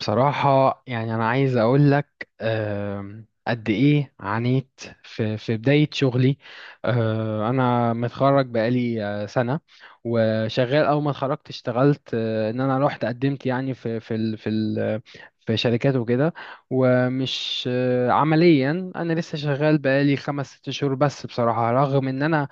بصراحة يعني أنا عايز أقول لك، قد إيه عانيت في بداية شغلي. أنا متخرج بقالي سنة، وشغال. أول ما اتخرجت اشتغلت، إن أنا رحت قدمت يعني في في شركات وكده. ومش عمليا أنا لسه شغال بقالي خمس ست شهور بس، بصراحة رغم إن أنا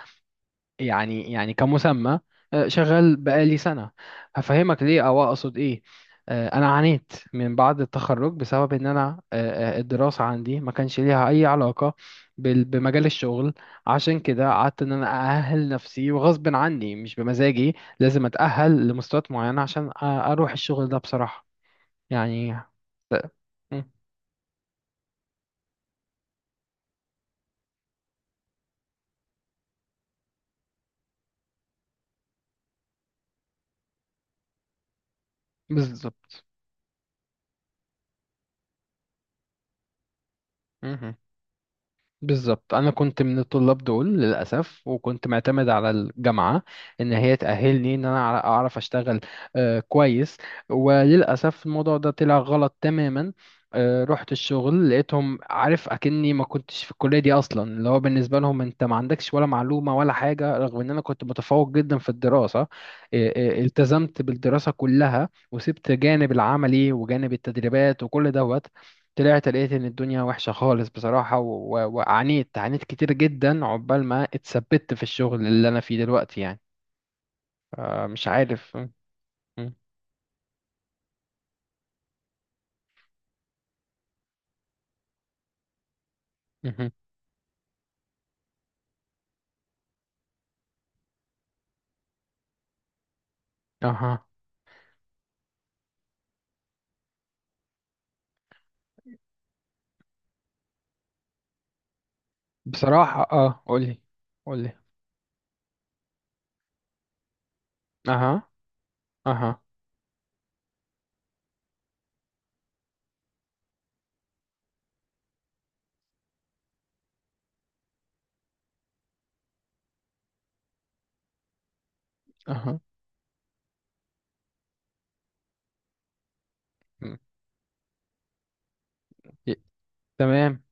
يعني كمسمى شغال بقالي سنة. هفهمك ليه أو أقصد إيه. أنا عانيت من بعد التخرج بسبب إن أنا الدراسة عندي ما كانش ليها أي علاقة بمجال الشغل. عشان كده قعدت إن أنا أأهل نفسي وغصب عني مش بمزاجي، لازم أتأهل لمستويات معينة عشان أروح الشغل ده بصراحة يعني. ف- م، بالظبط. مهم. بالظبط، انا كنت من الطلاب دول للاسف، وكنت معتمد على الجامعه ان هي تاهلني ان انا اعرف اشتغل كويس. وللاسف الموضوع ده طلع غلط تماما. رحت الشغل لقيتهم عارف اكني ما كنتش في الكليه دي اصلا، اللي هو بالنسبه لهم انت ما عندكش ولا معلومه ولا حاجه، رغم ان انا كنت متفوق جدا في الدراسه. التزمت بالدراسه كلها وسبت جانب العملي وجانب التدريبات وكل دوت. طلعت لقيت ان الدنيا وحشة خالص بصراحة، وعانيت كتير جدا عقبال ما اتثبت في الشغل اللي انا فيه دلوقتي يعني. مش عارف. م- مهم. اها. بصراحة اه قولي. قولي. اها. اها. اها. م. ي- تمام.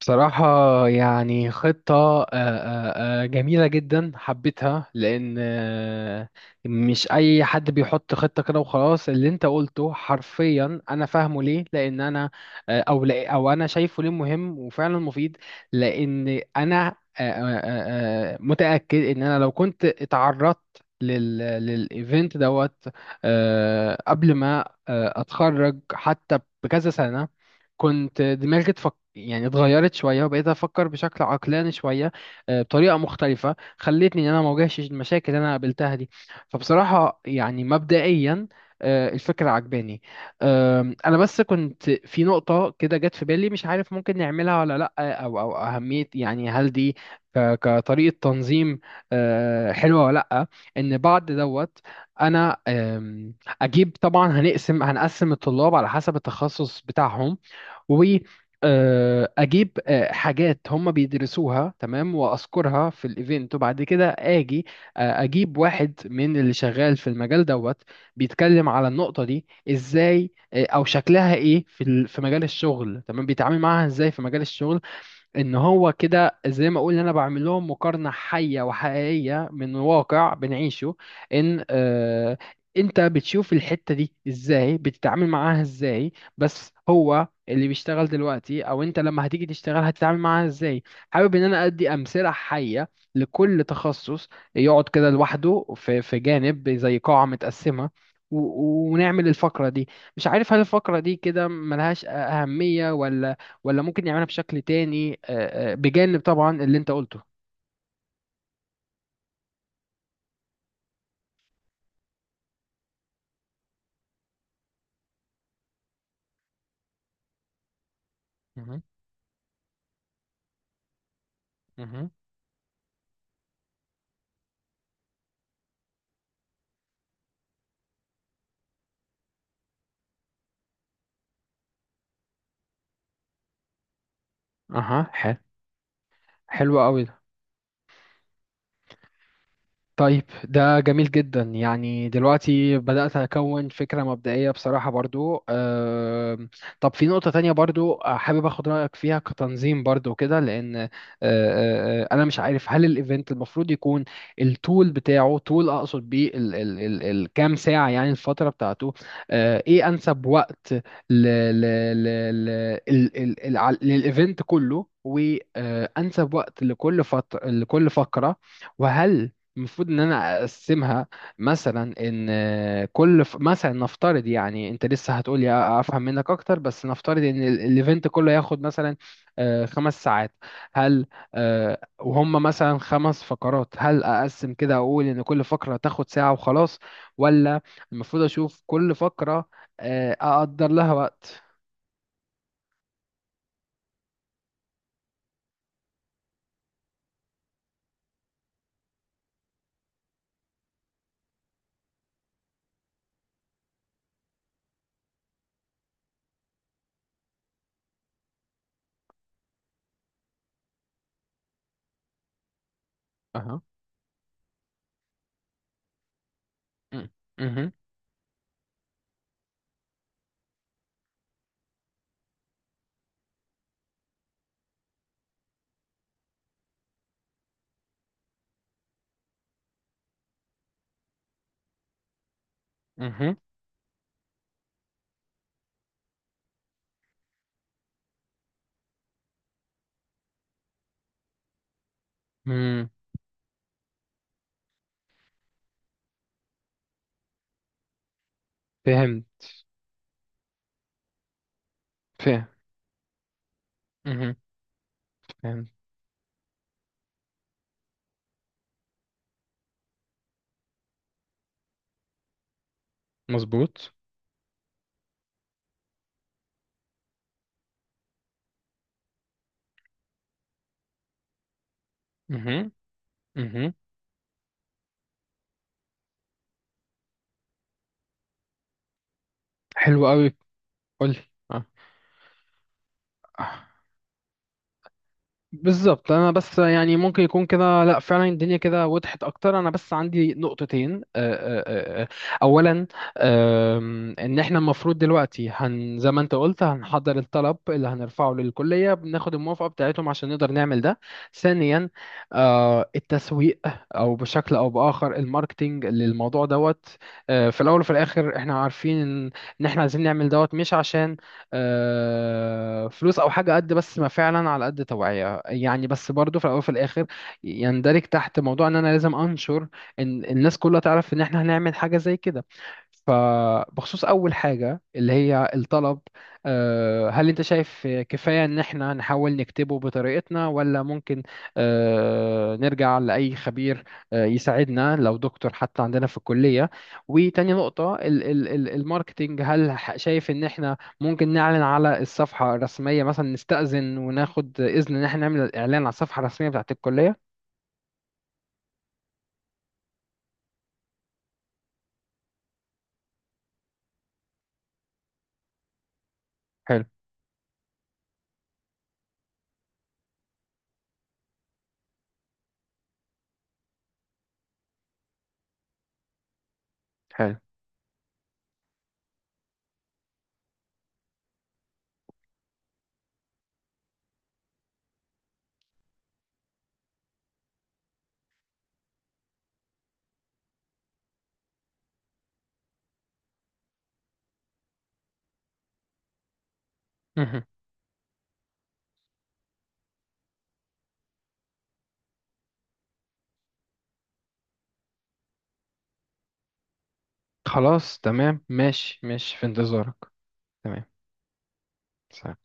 بصراحة يعني خطة جميلة جدا، حبيتها لأن مش أي حد بيحط خطة كده وخلاص. اللي أنت قلته حرفيا أنا فاهمه ليه، لأن أنا أو لا، أو أنا شايفه ليه مهم وفعلا مفيد. لأن أنا متأكد إن أنا لو كنت اتعرضت لل للإيفنت دوت قبل ما أتخرج حتى بكذا سنة، كنت دماغي اتفك، يعني اتغيرت شوية وبقيت أفكر بشكل عقلاني شوية بطريقة مختلفة خلتني إن أنا ما واجهش المشاكل اللي أنا قابلتها دي. فبصراحة يعني مبدئيا الفكرة عجباني. أنا بس كنت في نقطة كده جت في بالي، مش عارف ممكن نعملها ولا لأ، أو أهمية يعني هل دي كطريقة تنظيم حلوة ولا لأ. إن بعد دوت أنا أجيب. طبعا هنقسم الطلاب على حسب التخصص بتاعهم، واجيب حاجات هم بيدرسوها تمام واذكرها في الايفنت، وبعد كده اجي اجيب واحد من اللي شغال في المجال دوت بيتكلم على النقطة دي ازاي او شكلها ايه في مجال الشغل، تمام، بيتعامل معاها ازاي في مجال الشغل. ان هو كده زي ما اقول انا بعمل لهم مقارنه حيه وحقيقيه من واقع بنعيشه. ان آه انت بتشوف الحته دي ازاي، بتتعامل معاها ازاي؟ بس هو اللي بيشتغل دلوقتي او انت لما هتيجي تشتغل هتتعامل معاها ازاي. حابب ان انا ادي امثله حيه لكل تخصص، يقعد كده لوحده في جانب زي قاعه متقسمه، ونعمل الفقرة دي. مش عارف هل الفقرة دي كده ملهاش أهمية ولا، ممكن يعملها بشكل تاني بجانب طبعا اللي انت قلته. مهم. مهم. اها. حلو. حلو قوي. طيب ده جميل جدا يعني، دلوقتي بدأت أكون فكرة مبدئية بصراحة برضو. طب في نقطة تانية برضو حابب أخد رأيك فيها كتنظيم برضو كده، لأن أنا مش عارف هل الإيفنت المفروض يكون التول بتاعه، تول أقصد بيه الكام ساعة يعني الفترة بتاعته. إيه أنسب وقت ل- ل- ل- للإيفنت كله، وأنسب وقت لكل فترة لكل فقرة. وهل المفروض ان انا اقسمها مثلا ان كل مثلا نفترض يعني، انت لسه هتقول لي افهم منك اكتر، بس نفترض ان الايفنت كله ياخد مثلا خمس ساعات، هل وهم مثلا خمس فقرات، هل اقسم كده اقول ان كل فقرة تاخد ساعة وخلاص، ولا المفروض اشوف كل فقرة اقدر لها وقت. اها. مم. مهم. مهم. مم. فهمت. فهم. مهم. فهمت. مظبوط. مهم. مهم. حلو قوي. قولي. آه. بالظبط. انا بس يعني ممكن يكون كده، لا فعلا الدنيا كده وضحت اكتر. انا بس عندي نقطتين اولا، ان احنا المفروض دلوقتي هن زي ما انت قلت، هنحضر الطلب اللي هنرفعه للكلية، بناخد الموافقة بتاعتهم عشان نقدر نعمل ده. ثانيا التسويق او بشكل او باخر الماركتينج للموضوع دوت. في الاول وفي الاخر احنا عارفين ان احنا عايزين نعمل دوت مش عشان فلوس او حاجه قد بس، ما فعلا على قد توعيه يعني، بس برضو في الاول وفي الاخر يندرج تحت موضوع ان انا لازم انشر ان الناس كلها تعرف ان احنا هنعمل حاجه زي كده. فبخصوص أول حاجة اللي هي الطلب، هل أنت شايف كفاية إن إحنا نحاول نكتبه بطريقتنا، ولا ممكن نرجع لأي خبير يساعدنا لو دكتور حتى عندنا في الكلية؟ وتاني نقطة الماركتينج، هل شايف إن إحنا ممكن نعلن على الصفحة الرسمية مثلا، نستأذن وناخد إذن إن احنا نعمل إعلان على الصفحة الرسمية بتاعت الكلية؟ حلو. حلو. مهم. خلاص تمام، ماشي ماشي في انتظارك. تمام. سلام.